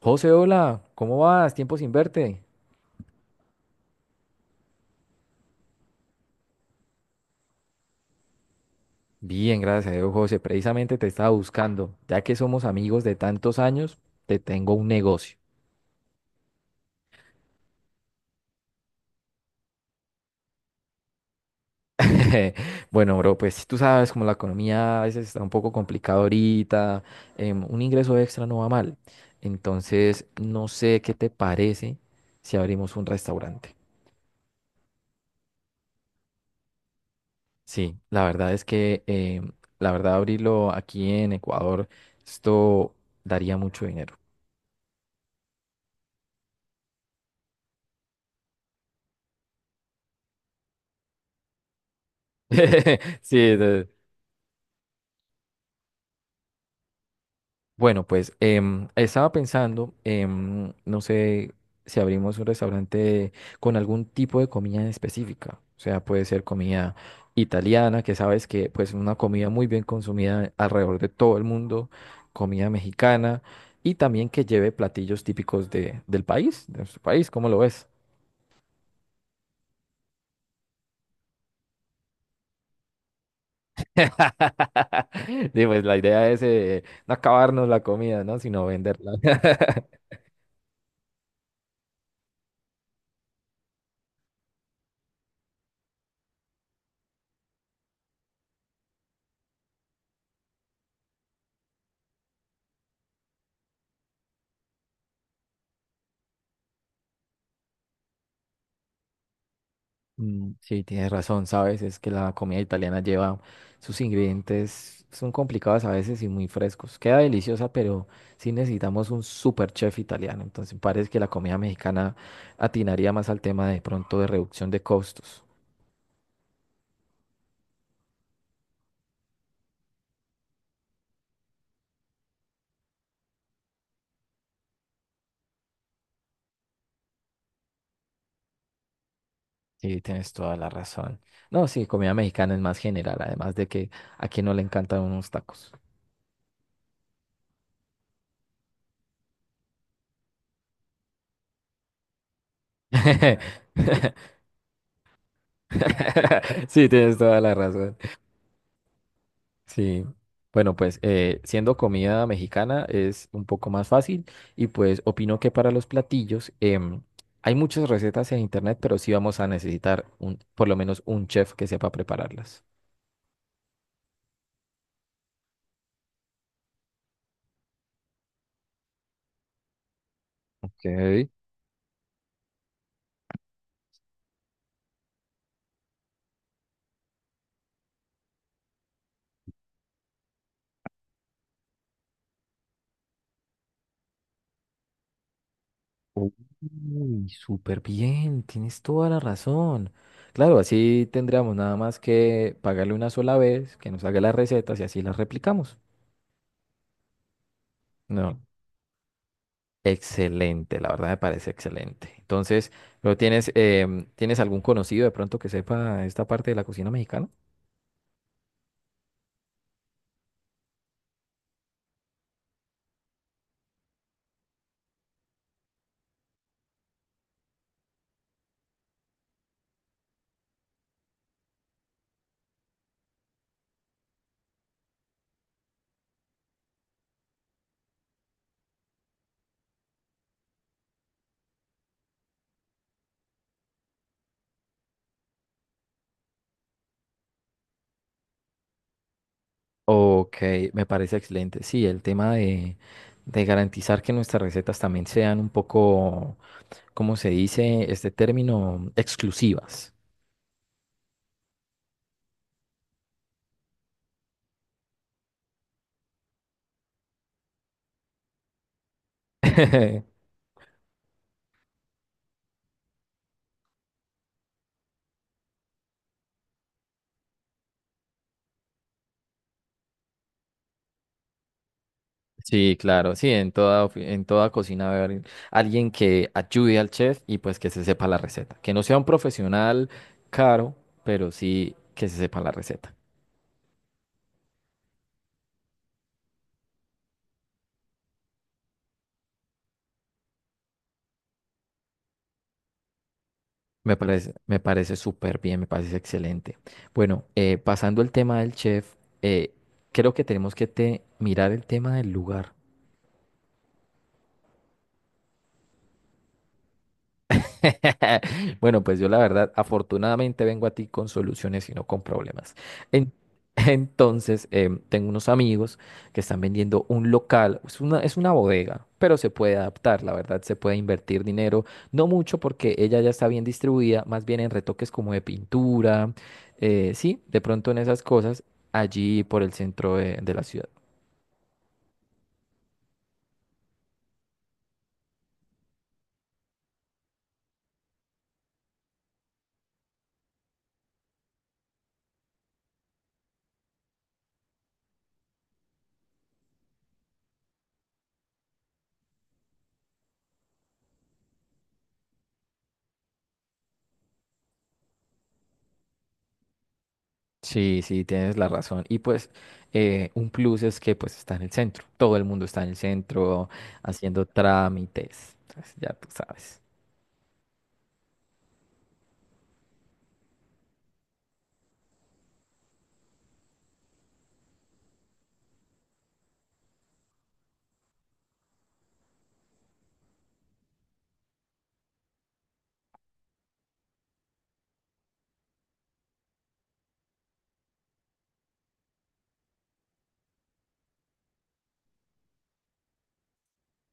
José, hola, ¿cómo vas? Tiempo sin verte. Bien, gracias a Dios, José. Precisamente te estaba buscando. Ya que somos amigos de tantos años, te tengo un negocio. Bueno, bro, pues tú sabes como la economía a veces está un poco complicada ahorita, un ingreso extra no va mal. Entonces, no sé qué te parece si abrimos un restaurante. Sí, la verdad es que, la verdad, abrirlo aquí en Ecuador, esto daría mucho dinero. Sí, Bueno, pues estaba pensando, no sé si abrimos un restaurante con algún tipo de comida en específica. O sea, puede ser comida italiana, que sabes que pues es una comida muy bien consumida alrededor de todo el mundo, comida mexicana y también que lleve platillos típicos del país, de nuestro país, ¿cómo lo ves? Sí, pues la idea es no acabarnos la comida, ¿no? Sino venderla. Mm, sí, tienes razón, ¿sabes? Es que la comida italiana lleva sus ingredientes, son complicados a veces y muy frescos. Queda deliciosa, pero sí necesitamos un super chef italiano. Entonces parece que la comida mexicana atinaría más al tema de pronto de reducción de costos. Sí, tienes toda la razón. No, sí, comida mexicana es más general, además de que a quien no le encantan unos tacos. Sí, tienes toda la razón. Sí, bueno, pues siendo comida mexicana es un poco más fácil y pues opino que para los platillos hay muchas recetas en internet, pero sí vamos a necesitar por lo menos un chef que sepa prepararlas. Ok. Uy, súper bien, tienes toda la razón. Claro, así tendríamos nada más que pagarle una sola vez, que nos haga las recetas y así las replicamos. No. Excelente, la verdad me parece excelente. Entonces, ¿lo tienes, tienes algún conocido de pronto que sepa esta parte de la cocina mexicana? Ok, me parece excelente. Sí, el tema de garantizar que nuestras recetas también sean un poco, ¿cómo se dice este término? Exclusivas. Sí, claro, sí, en toda cocina debe haber alguien que ayude al chef y pues que se sepa la receta. Que no sea un profesional caro, pero sí que se sepa la receta. Me parece súper bien, me parece excelente. Bueno, pasando el tema del chef, eh, creo que tenemos que mirar el tema del lugar. Bueno, pues yo la verdad, afortunadamente vengo a ti con soluciones y no con problemas. En- entonces, tengo unos amigos que están vendiendo un local, es una bodega, pero se puede adaptar, la verdad, se puede invertir dinero, no mucho porque ella ya está bien distribuida, más bien en retoques como de pintura, sí, de pronto en esas cosas, allí por el centro de la ciudad. Sí, sí, tienes la razón. Y pues un plus es que pues está en el centro. Todo el mundo está en el centro haciendo trámites. Entonces, ya tú sabes.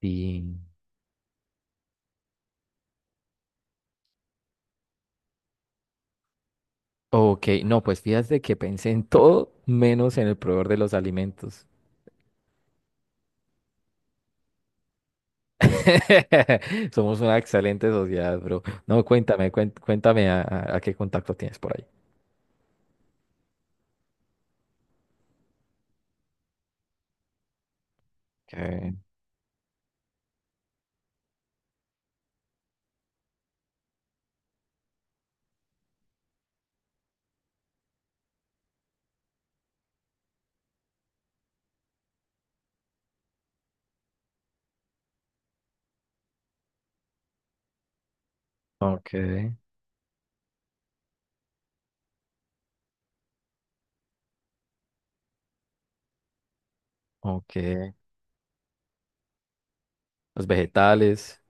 Sí. Ok, no, pues fíjate que pensé en todo menos en el proveedor de los alimentos. Somos una excelente sociedad, bro. No, cuéntame, cuéntame a qué contacto tienes por ahí. Okay, okay, okay. Los vegetales.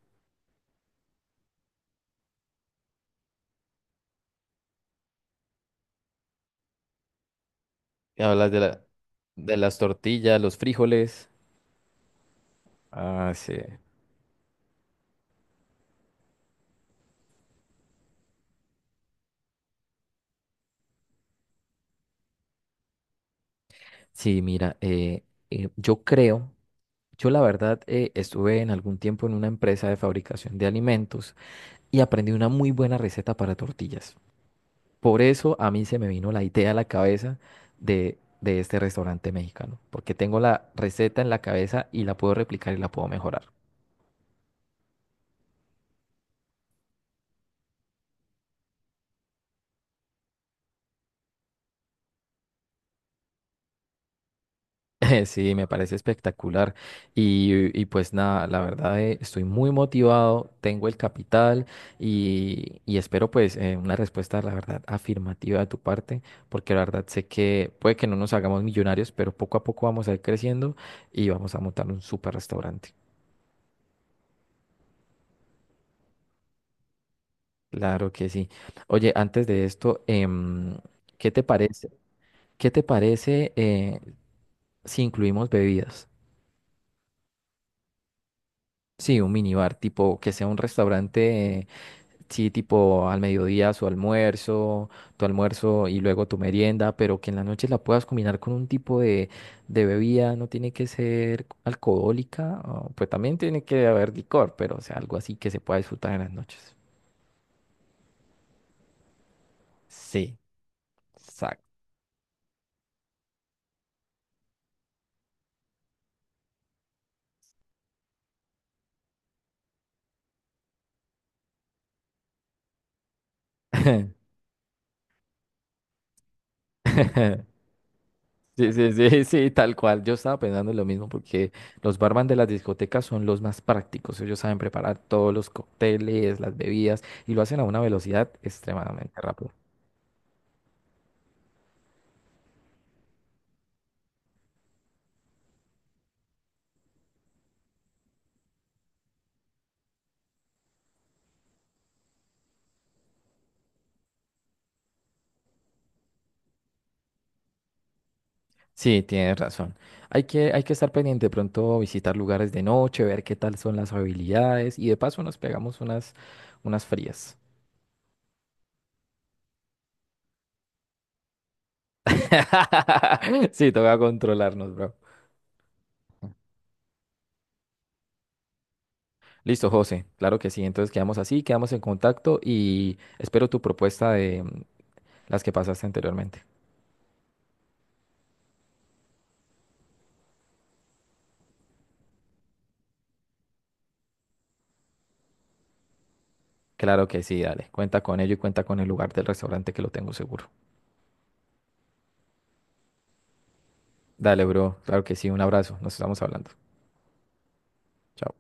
Hablas de de las tortillas, los frijoles. Ah, sí. Sí, mira, yo creo, yo la verdad estuve en algún tiempo en una empresa de fabricación de alimentos y aprendí una muy buena receta para tortillas. Por eso a mí se me vino la idea a la cabeza de este restaurante mexicano, porque tengo la receta en la cabeza y la puedo replicar y la puedo mejorar. Sí, me parece espectacular. Y pues nada, la verdad estoy muy motivado, tengo el capital y espero pues una respuesta, la verdad, afirmativa de tu parte, porque la verdad sé que puede que no nos hagamos millonarios, pero poco a poco vamos a ir creciendo y vamos a montar un super restaurante. Claro que sí. Oye, antes de esto, ¿qué te parece? ¿Qué te parece si incluimos bebidas? Sí, un minibar, tipo que sea un restaurante. Sí, tipo al mediodía su almuerzo, tu almuerzo y luego tu merienda, pero que en la noche la puedas combinar con un tipo de bebida, no tiene que ser alcohólica, pues también tiene que haber licor, pero o sea, algo así que se pueda disfrutar en las noches. Sí, exacto. Sí, sí, sí, sí, tal cual. Yo estaba pensando en lo mismo porque los barman de las discotecas son los más prácticos. Ellos saben preparar todos los cócteles, las bebidas y lo hacen a una velocidad extremadamente rápida. Sí, tienes razón. Hay que estar pendiente de pronto, visitar lugares de noche, ver qué tal son las habilidades y de paso nos pegamos unas, unas frías. Sí, toca controlarnos, bro. Listo, José. Claro que sí. Entonces quedamos así, quedamos en contacto y espero tu propuesta de mm, las que pasaste anteriormente. Claro que sí, dale. Cuenta con ello y cuenta con el lugar del restaurante que lo tengo seguro. Dale, bro. Claro que sí. Un abrazo. Nos estamos hablando. Chao.